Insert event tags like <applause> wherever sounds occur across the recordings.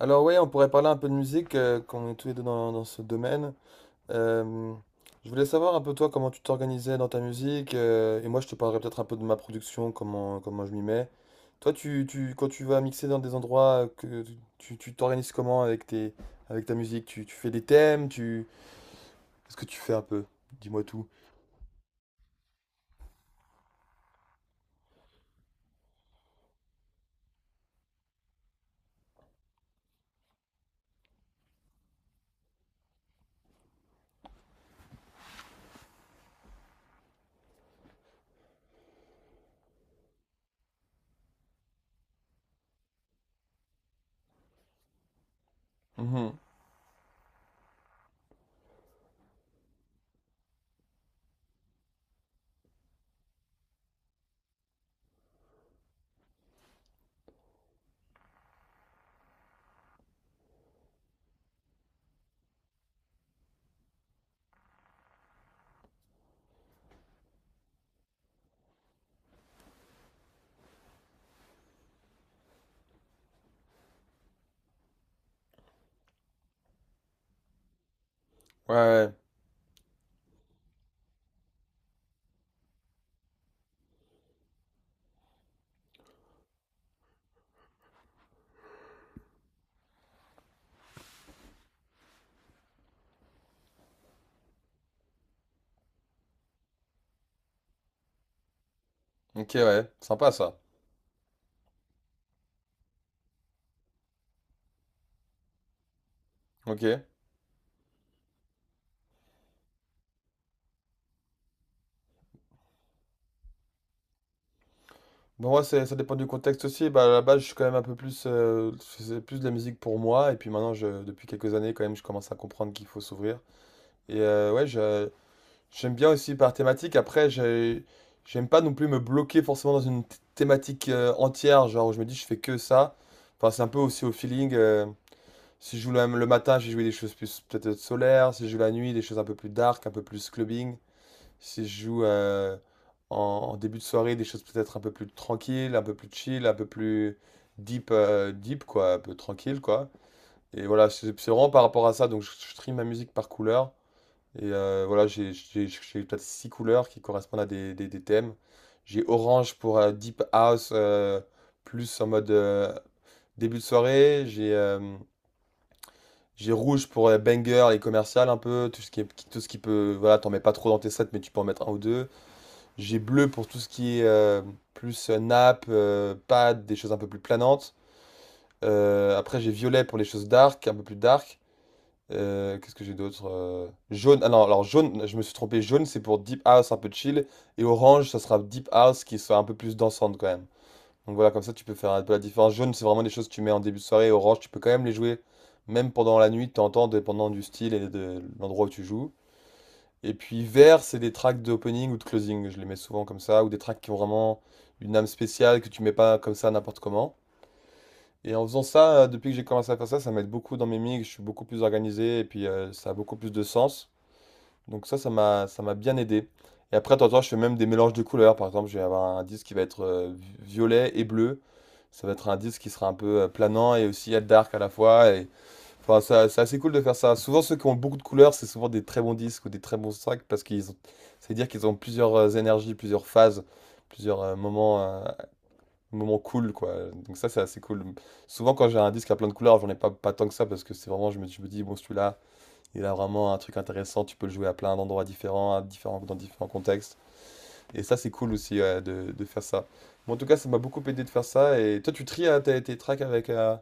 Alors oui, on pourrait parler un peu de musique, quand est tous les deux dans ce domaine. Euh, je voulais savoir un peu toi comment tu t'organisais dans ta musique, et moi je te parlerai peut-être un peu de ma production, comment je m'y mets. Toi, quand tu vas mixer dans des endroits, que tu t'organises comment avec tes, avec ta musique? Tu fais des thèmes, qu'est-ce que tu fais un peu? Dis-moi tout. Mhm. Ouais, ouais, ok, ouais, sympa ça. Ok. Bon, moi, ça dépend du contexte aussi. Bah, à la base, je suis quand même un peu plus. Je faisais plus de la musique pour moi. Et puis maintenant, je, depuis quelques années, quand même, je commence à comprendre qu'il faut s'ouvrir. Et ouais, j'aime bien aussi par thématique. Après, j'aime pas non plus me bloquer forcément dans une thématique entière. Genre, où je me dis, je fais que ça. Enfin, c'est un peu aussi au feeling. Si je joue le matin, j'ai joué des choses plus peut-être solaires. Si je joue la nuit, des choses un peu plus dark, un peu plus clubbing. Si je joue en début de soirée, des choses peut-être un peu plus tranquilles, un peu plus chill, un peu plus deep quoi, un peu tranquille, quoi. Et voilà, c'est vraiment par rapport à ça. Donc, je trie ma musique par couleur. Et voilà, j'ai peut-être six couleurs qui correspondent à des thèmes. J'ai orange pour deep house, plus en mode début de soirée. J'ai rouge pour banger et commercial un peu, tout ce qui est, tout ce qui peut, voilà, t'en mets pas trop dans tes sets, mais tu peux en mettre un ou deux. J'ai bleu pour tout ce qui est plus nappe, pad, des choses un peu plus planantes. Après, j'ai violet pour les choses dark, un peu plus dark. Qu'est-ce que j'ai d'autre? Jaune, ah non, alors jaune, je me suis trompé, jaune c'est pour deep house un peu chill. Et orange, ça sera deep house qui soit un peu plus dansante quand même. Donc voilà, comme ça tu peux faire un peu la différence. Jaune, c'est vraiment des choses que tu mets en début de soirée. Orange, tu peux quand même les jouer, même pendant la nuit, de temps en temps, dépendant du style et de l'endroit où tu joues. Et puis vert, c'est des tracks d'opening ou de closing. Je les mets souvent comme ça, ou des tracks qui ont vraiment une âme spéciale que tu mets pas comme ça n'importe comment. Et en faisant ça, depuis que j'ai commencé à faire ça, ça m'aide beaucoup dans mes mix. Je suis beaucoup plus organisé et puis ça a beaucoup plus de sens. Donc ça, ça m'a bien aidé. Et après, de temps en temps, je fais même des mélanges de couleurs. Par exemple, je vais avoir un disque qui va être violet et bleu. Ça va être un disque qui sera un peu planant et aussi être dark à la fois. Et enfin, c'est assez cool de faire ça. Souvent, ceux qui ont beaucoup de couleurs, c'est souvent des très bons disques ou des très bons tracks parce qu'ils ont... C'est dire qu'ils ont plusieurs énergies, plusieurs phases, plusieurs moments cool, quoi. Donc ça, c'est assez cool. Souvent, quand j'ai un disque à plein de couleurs, j'en ai pas tant que ça parce que c'est vraiment, je me dis, bon, celui-là, il a vraiment un truc intéressant. Tu peux le jouer à plein d'endroits différents, dans différents contextes. Et ça, c'est cool aussi ouais, de faire ça. Bon, en tout cas, ça m'a beaucoup aidé de faire ça. Et toi, tu tries tes tracks avec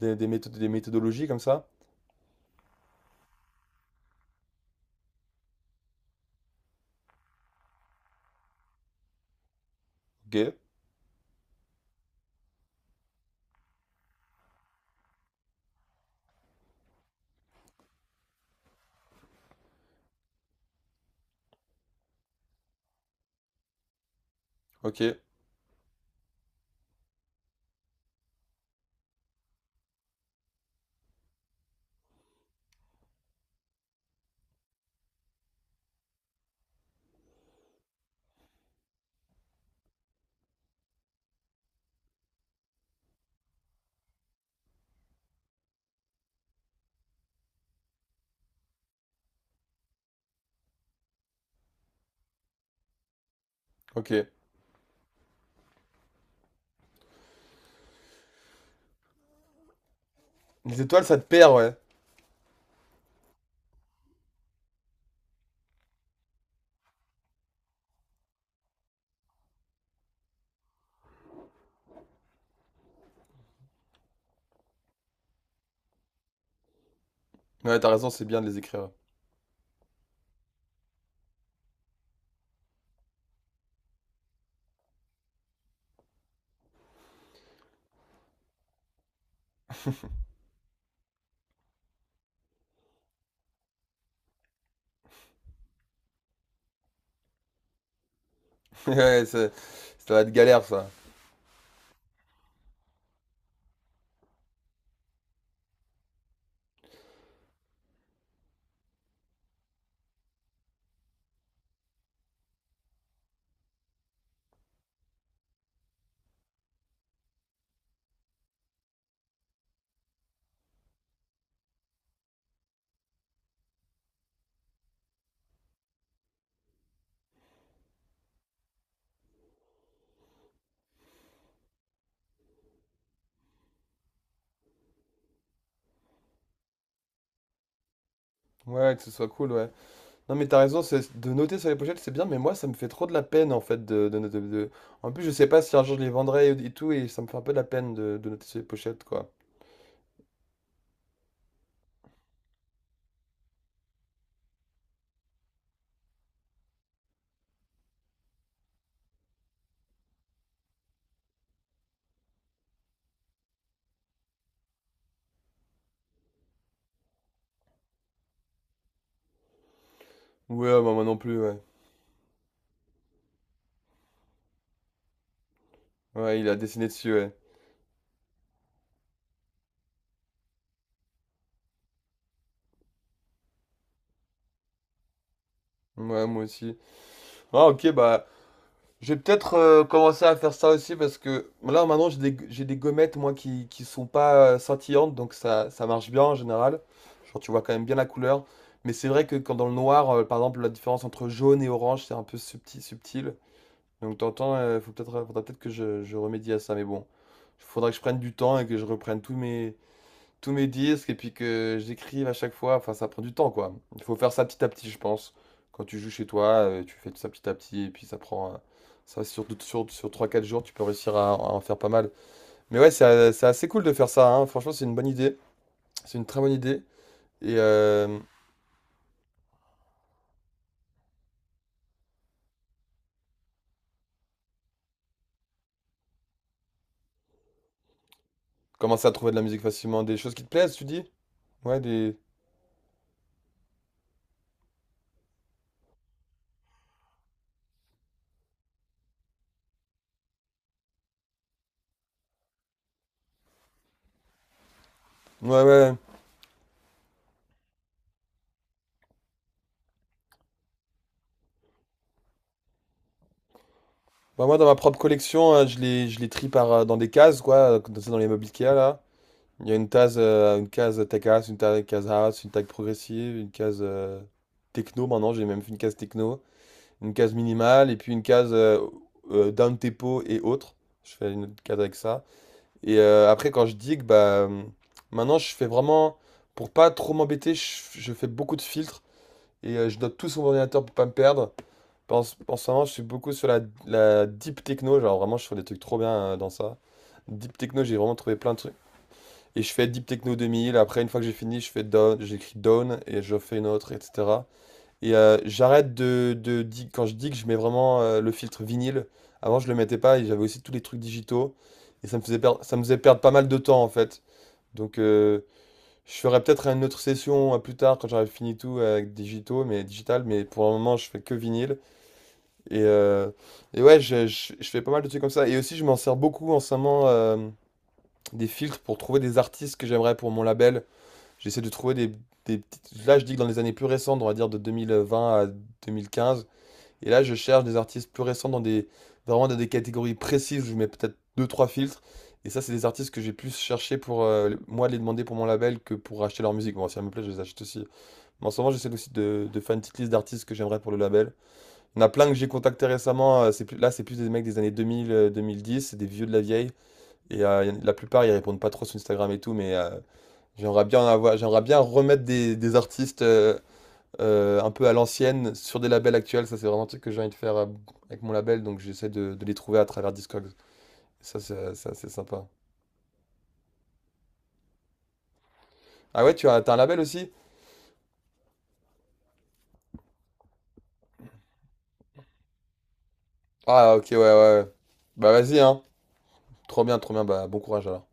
des méthodes, des méthodologies comme ça? Ok, ok. Ok. Les étoiles, ça te perd, ouais. Ouais, t'as raison, c'est bien de les écrire. <laughs> Ouais, ça va être galère, ça. Ouais, que ce soit cool, ouais. Non, mais t'as raison, c'est de noter sur les pochettes, c'est bien, mais moi, ça me fait trop de la peine, en fait, En plus, je sais pas si un jour je les vendrai et tout, et ça me fait un peu de la peine de noter sur les pochettes, quoi. Ouais, bah, moi non plus, ouais. Ouais, il a dessiné dessus, ouais. Ouais, moi aussi. Ah, ok, bah, je vais peut-être commencer à faire ça aussi parce que là maintenant j'ai des gommettes moi qui sont pas scintillantes donc ça marche bien en général. Genre tu vois quand même bien la couleur. Mais c'est vrai que quand dans le noir, par exemple, la différence entre jaune et orange c'est un peu subtil, subtil. Donc t'entends, faudra peut-être que je remédie à ça. Mais bon, il faudra que je prenne du temps et que je reprenne tous mes disques et puis que j'écrive à chaque fois. Enfin, ça prend du temps, quoi. Il faut faire ça petit à petit, je pense. Quand tu joues chez toi, tu fais ça petit à petit et puis ça prend. Ça, sur trois quatre jours, tu peux réussir à en faire pas mal. Mais ouais, c'est assez cool de faire ça. Hein. Franchement, c'est une bonne idée. C'est une très bonne idée. Et commencer à trouver de la musique facilement. Des choses qui te plaisent, tu dis? Ouais, des. Ouais, ouais. Bah, moi, dans ma propre collection, hein, je les trie dans des cases, quoi. Dans les meubles Ikea, là. Il y a une case tech house, une case house, une tech progressive, une case techno. Maintenant, j'ai même fait une case techno, une case minimale et puis une case down tempo et autres. Je fais une autre case avec ça. Et après, quand je digue, bah maintenant, je fais vraiment pour pas trop m'embêter. Je fais beaucoup de filtres et je note tout sur mon ordinateur pour pas me perdre. En ce moment, je suis beaucoup sur la deep techno. Genre vraiment, je fais des trucs trop bien dans ça. Deep techno, j'ai vraiment trouvé plein de trucs. Et je fais Deep Techno 2000. Après, une fois que j'ai fini, je fais Down, j'écris Down et je fais une autre, etc. Et j'arrête. Quand je dis que je mets vraiment le filtre vinyle, avant je le mettais pas et j'avais aussi tous les trucs digitaux. Et ça me faisait perdre pas mal de temps en fait. Donc je ferai peut-être une autre session plus tard quand j'aurai fini tout avec digitaux, mais digital. Mais pour le moment, je fais que vinyle. Et, euh, et ouais, je fais pas mal de trucs comme ça. Et aussi, je m'en sers beaucoup en ce moment des filtres pour trouver des artistes que j'aimerais pour mon label. J'essaie de trouver Là, je dis que dans les années plus récentes, on va dire de 2020 à 2015. Et là, je cherche des artistes plus récents dans des... Vraiment dans des catégories précises. Je mets peut-être deux, trois filtres. Et ça, c'est des artistes que j'ai plus cherché pour moi les demander pour mon label que pour acheter leur musique. Bon, si elle me plaît, je les achète aussi. Mais en ce moment, j'essaie aussi de faire une petite liste d'artistes que j'aimerais pour le label. Il y en a plein que j'ai contacté récemment. C'est plus... Là, c'est plus des mecs des années 2000, 2010. C'est des vieux de la vieille. Et la plupart, ils répondent pas trop sur Instagram et tout. Mais j'aimerais bien en avoir, j'aimerais bien remettre des artistes un peu à l'ancienne sur des labels actuels. Ça, c'est vraiment un truc que j'ai envie de faire avec mon label, donc j'essaie de les trouver à travers Discogs. Ça, c'est assez sympa. Ah ouais, t'as un label aussi? Ah, ok, ouais, ouais. Ouais. Bah vas-y, hein. Trop bien, trop bien. Bah bon courage alors.